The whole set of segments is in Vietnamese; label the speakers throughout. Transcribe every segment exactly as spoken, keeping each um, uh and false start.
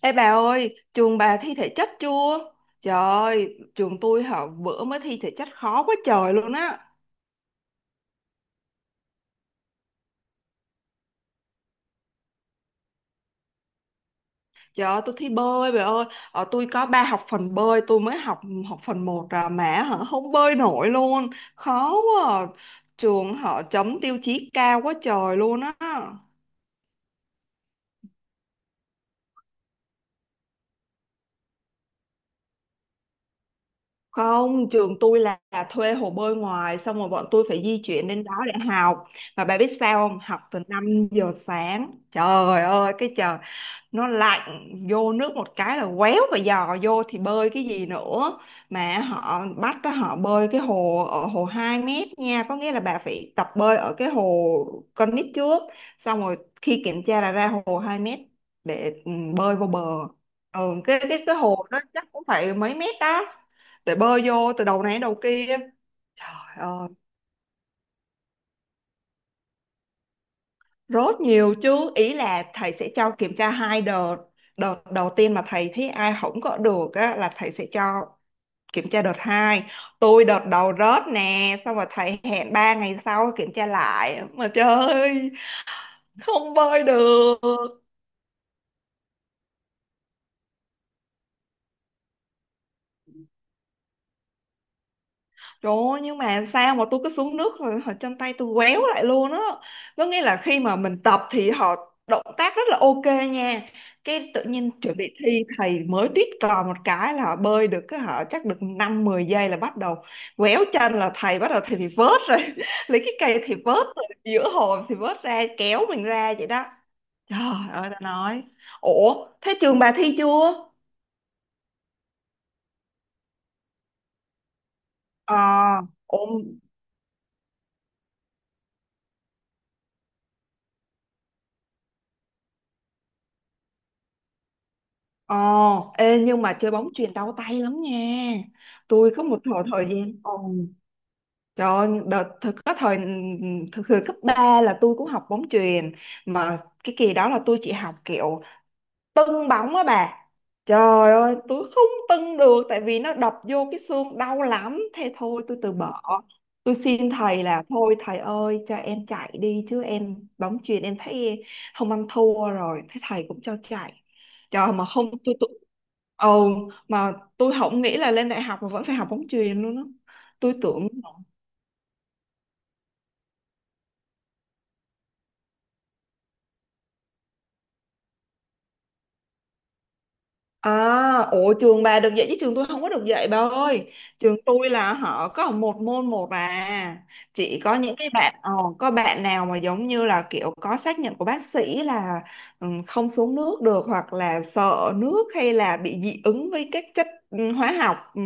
Speaker 1: Ê bà ơi, trường bà thi thể chất chưa? Trời ơi, trường tôi hả bữa mới thi thể chất khó quá trời luôn á. Trời ơi, tôi thi bơi bà ơi. Ờ, tôi có ba học phần bơi, tôi mới học học phần một, à mà hả không bơi nổi luôn. Khó quá. À. Trường họ chấm tiêu chí cao quá trời luôn á. Không, trường tôi là là thuê hồ bơi ngoài, xong rồi bọn tôi phải di chuyển đến đó để học. Mà bà biết sao không? Học từ năm giờ sáng. Trời ơi, cái trời nó lạnh, vô nước một cái là quéo, và dò vô thì bơi cái gì nữa. Mà họ bắt đó, họ bơi cái hồ ở hồ hai mét nha, có nghĩa là bà phải tập bơi ở cái hồ con nít trước, xong rồi khi kiểm tra là ra hồ hai mét, để ừ, bơi vô bờ. ừ, cái cái cái hồ đó chắc cũng phải mấy mét đó, để bơi vô từ đầu này đến đầu kia. Trời ơi. Rốt nhiều chứ, ý là thầy sẽ cho kiểm tra hai đợt. Đợt đầu tiên mà thầy thấy ai không có được á, là thầy sẽ cho kiểm tra đợt hai. Tôi đợt đầu rớt nè, xong rồi thầy hẹn ba ngày sau kiểm tra lại. Mà trời ơi, không bơi được. Trời ơi, nhưng mà sao mà tôi cứ xuống nước rồi họ chân tay tôi quéo lại luôn á. Có nghĩa là khi mà mình tập thì họ động tác rất là ok nha. Cái tự nhiên chuẩn bị thi thầy mới tuyết cò một cái là họ bơi được, cái họ chắc được năm mười giây là bắt đầu quéo chân, là thầy bắt đầu thầy thì vớt rồi Lấy cái cây thì vớt rồi, giữa hồ thì vớt ra kéo mình ra vậy đó. Trời ơi ta nói. Ủa thế trường bà thi chưa? Ờ, ủa. Ồ, ê, nhưng mà chơi bóng chuyền đau tay lắm nha. Tôi có một thời thời gian. Ồ, trời ơi, đợt thực có thời thực thời cấp ba là tôi cũng học bóng chuyền, mà cái kỳ đó là tôi chỉ học kiểu tưng bóng á bà. Trời ơi tôi không tưng được, tại vì nó đập vô cái xương đau lắm, thế thôi tôi từ bỏ. Tôi xin thầy là thôi thầy ơi cho em chạy đi, chứ em bóng chuyền em thấy không ăn thua rồi, thế thầy cũng cho chạy. Trời, mà không, tôi tôi, ừ, mà tôi không nghĩ là lên đại học mà vẫn phải học bóng chuyền luôn á. Tôi tưởng. À, ủa trường bà được dạy chứ trường tôi không có được dạy bà ơi. Trường tôi là họ có một môn một à. Chỉ có những cái bạn, ờ, có bạn nào mà giống như là kiểu có xác nhận của bác sĩ là, ừ, không xuống nước được, hoặc là sợ nước, hay là bị dị ứng với các chất, ừ, hóa học, ừ,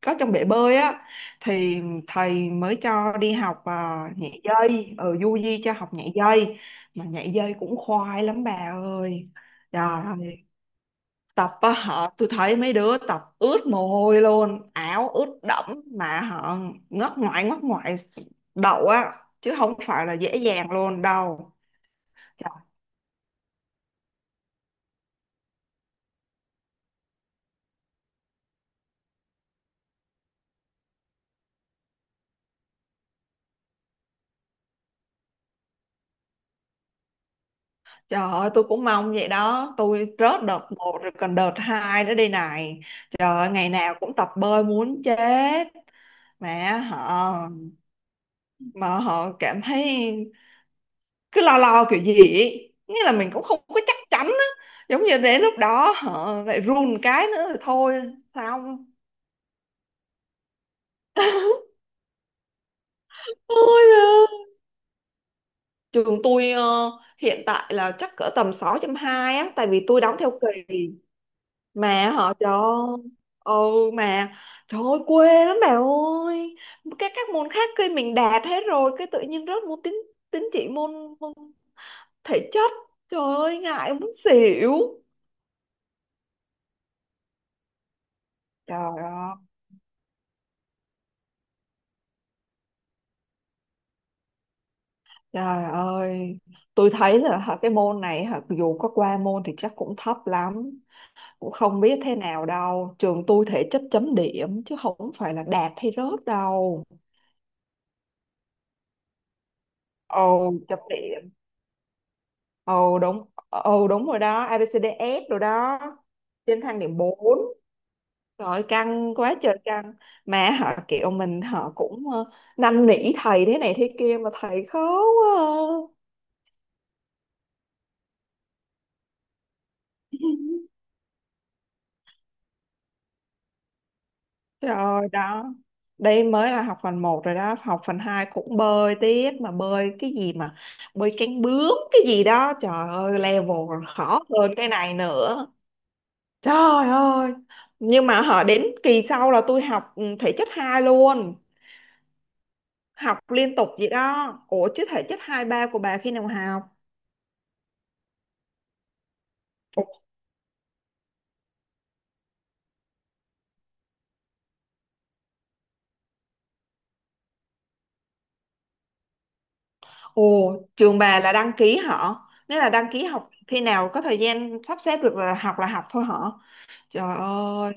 Speaker 1: có trong bể bơi á, thì thầy mới cho đi học, ờ, nhảy dây, ở du di cho học nhảy dây. Mà nhảy dây cũng khoai lắm bà ơi. Trời ơi tập á họ, tôi thấy mấy đứa tập ướt mồ hôi luôn, áo ướt đẫm mà họ ngất ngoại, ngất ngoại đậu á, chứ không phải là dễ dàng luôn đâu. Trời, trời ơi tôi cũng mong vậy đó, tôi rớt đợt một rồi, còn đợt hai nữa đây này. Trời ơi, ngày nào cũng tập bơi muốn chết. Mà họ mà họ cảm thấy cứ lo lo kiểu gì ấy. Nghĩa là mình cũng không có chắc chắn á, giống như đến lúc đó họ lại run cái nữa rồi thôi sao. Ôi da. Trường tôi, ờ, hiện tại là chắc cỡ tầm sáu chấm hai á, tại vì tôi đóng theo kỳ. Mà họ trời ơi, ừ mà trời ơi quê lắm bà ơi. Các các môn khác kia mình đạt hết rồi, cái tự nhiên rớt môn tín tín chỉ môn, môn thể chất. Trời ơi ngại muốn xỉu. Trời ơi, trời ơi tôi thấy là hả, cái môn này hả, dù có qua môn thì chắc cũng thấp lắm. Cũng không biết thế nào đâu, trường tôi thể chất chấm điểm chứ không phải là đạt hay rớt đâu. Ồ chấm điểm ồ đúng ồ đúng rồi đó, A ABCDF rồi đó, trên thang điểm bốn. Rồi, căng quá trời căng, mà họ kiểu mình họ cũng, ờ, năn nỉ thầy thế này thế kia mà thầy khó quá. À. Trời ơi đó. Đây mới là học phần một rồi đó, học phần hai cũng bơi tiếp. Mà bơi cái gì mà, bơi cánh bướm cái gì đó, trời ơi level còn khó hơn cái này nữa. Trời ơi. Nhưng mà họ đến kỳ sau là tôi học, ừ, thể chất hai luôn. Học liên tục vậy đó. Ủa chứ thể chất hai ba của bà khi nào học? Ồ trường bà là đăng ký họ, nếu là đăng ký học khi nào có thời gian sắp xếp được là học là học thôi hả? Trời ơi,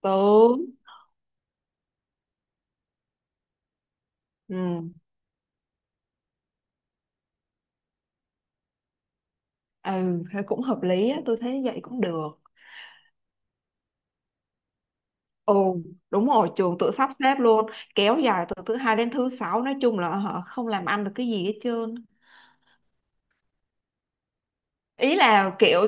Speaker 1: tướng. Ừ, ừ thế cũng hợp lý á, tôi thấy vậy cũng được. Ồ đúng rồi, trường tự sắp xếp luôn, kéo dài từ thứ hai đến thứ sáu, nói chung là họ không làm ăn được cái gì hết trơn. Ý là kiểu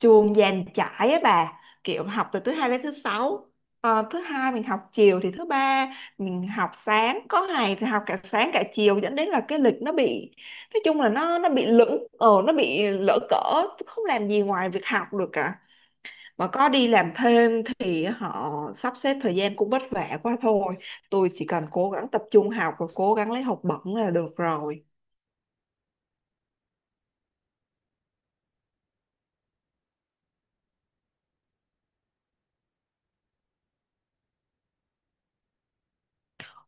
Speaker 1: trường dàn trải á bà, kiểu học từ thứ hai đến thứ sáu. Ờ, thứ hai mình học chiều thì thứ ba mình học sáng, có ngày thì học cả sáng cả chiều, dẫn đến là cái lịch nó bị, nói chung là nó nó bị lững, ờ nó bị lỡ cỡ, không làm gì ngoài việc học được cả. Mà có đi làm thêm thì họ sắp xếp thời gian cũng vất vả quá thôi. Tôi chỉ cần cố gắng tập trung học và cố gắng lấy học bổng là được rồi.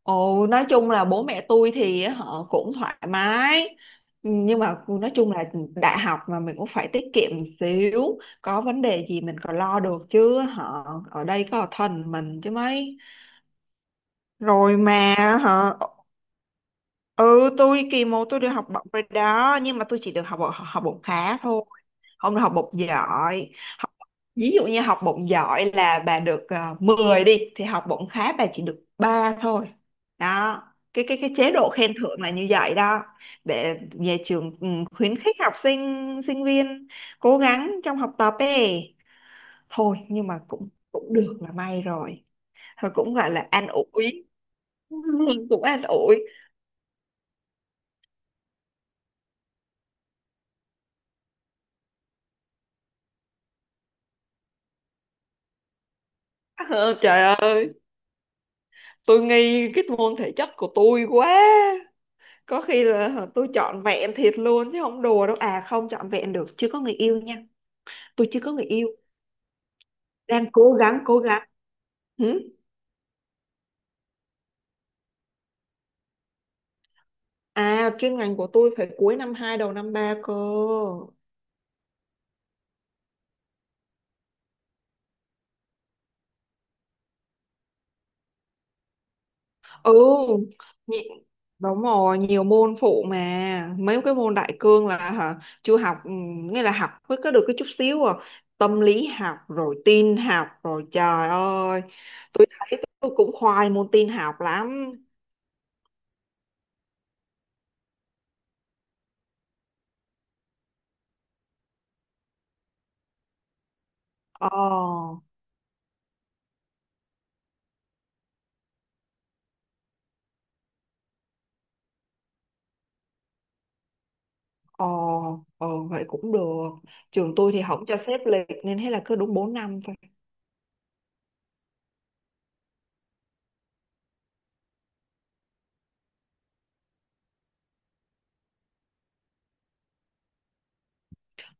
Speaker 1: Ồ nói chung là bố mẹ tôi thì họ cũng thoải mái, nhưng mà nói chung là đại học mà mình cũng phải tiết kiệm một xíu, có vấn đề gì mình còn lo được, chứ họ ở đây có thần mình chứ mấy. Rồi mà, hả, ừ tôi kỳ một tôi được học bổng rồi đó, nhưng mà tôi chỉ được học bổng, học bổng khá thôi, không được học bổng giỏi. Học, ví dụ như học bổng giỏi là bà được, uh, mười đi, thì học bổng khá bà chỉ được ba thôi đó. Cái cái cái chế độ khen thưởng là như vậy đó, để nhà trường, ừ, khuyến khích học sinh sinh viên cố gắng trong học tập ấy thôi, nhưng mà cũng cũng được là may rồi. Rồi cũng gọi là an ủi. Cũng an ủi. Ờ, trời ơi tôi nghi cái môn thể chất của tôi quá, có khi là tôi chọn vẹn thiệt luôn chứ không đùa đâu, à không chọn vẹn được, chưa có người yêu nha. Tôi chưa có người yêu, đang cố gắng cố gắng Hử? À chuyên ngành của tôi phải cuối năm hai đầu năm ba cơ. Ừ, nhị- đúng rồi nhiều môn phụ, mà mấy cái môn đại cương là hả chưa học, ừ, nghĩa là học mới có được cái chút xíu à, tâm lý học rồi tin học rồi trời ơi. Tôi thấy tôi cũng khoai môn tin học lắm. Ờ ờ, ờ vậy cũng được, trường tôi thì không cho xếp lịch nên thế là cứ đúng bốn năm thôi.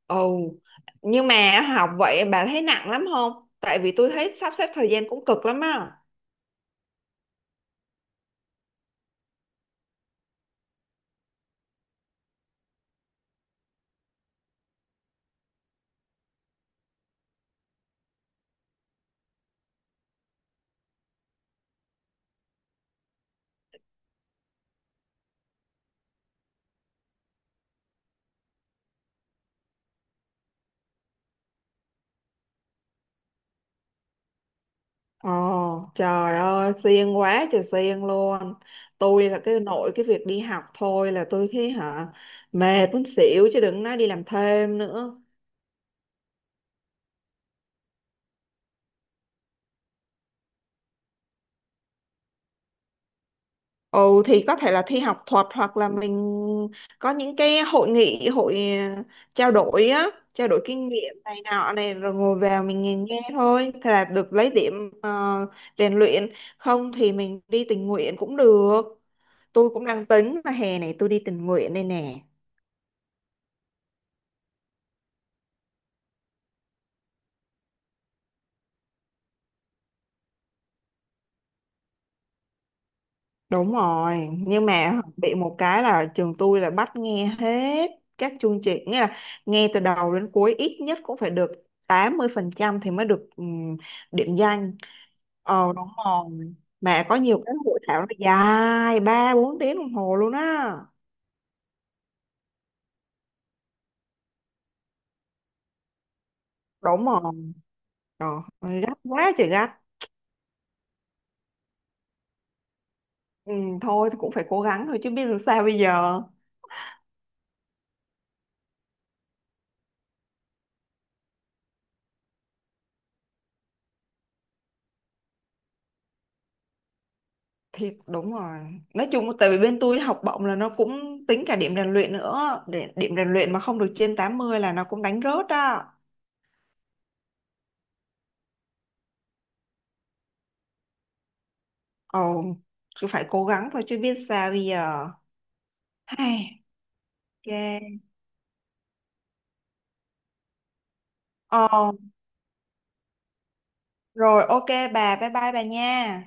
Speaker 1: Ừ, nhưng mà học vậy bà thấy nặng lắm không, tại vì tôi thấy sắp xếp thời gian cũng cực lắm á. Ồ, trời ơi, siêng quá trời siêng luôn. Tôi là cái nội cái việc đi học thôi là tôi thấy hả, mệt muốn xỉu chứ đừng nói đi làm thêm nữa. Ồ, thì có thể là thi học thuật, hoặc là mình có những cái hội nghị, hội, ờ, trao đổi á, trao đổi kinh nghiệm này nọ này, rồi ngồi vào mình nghe nghe thôi. Thế là được lấy điểm, ờ, rèn luyện. Không thì mình đi tình nguyện cũng được. Tôi cũng đang tính là hè này tôi đi tình nguyện đây nè. Đúng rồi, nhưng mà bị một cái là trường tôi là bắt nghe hết các chương trình, nghĩa là nghe từ đầu đến cuối ít nhất cũng phải được tám mươi phần trăm thì mới được, ừm, điểm danh. Ờ đúng rồi. Mà có nhiều cái hội thảo nó dài ba bốn tiếng đồng hồ luôn á. Đúng rồi. Trời ơi, gắt quá trời gắt. Ừ, thôi thì cũng phải cố gắng thôi chứ biết làm sao bây giờ. Thiệt đúng rồi. Nói chung tại vì bên tôi học bổng là nó cũng tính cả điểm rèn luyện nữa. Điểm, điểm rèn luyện mà không được trên tám mươi là nó cũng đánh rớt đó. Ồ, cứ phải cố gắng thôi chứ biết sao bây giờ. Hay, ok. Ồ, rồi ok bà, bye bye bà nha.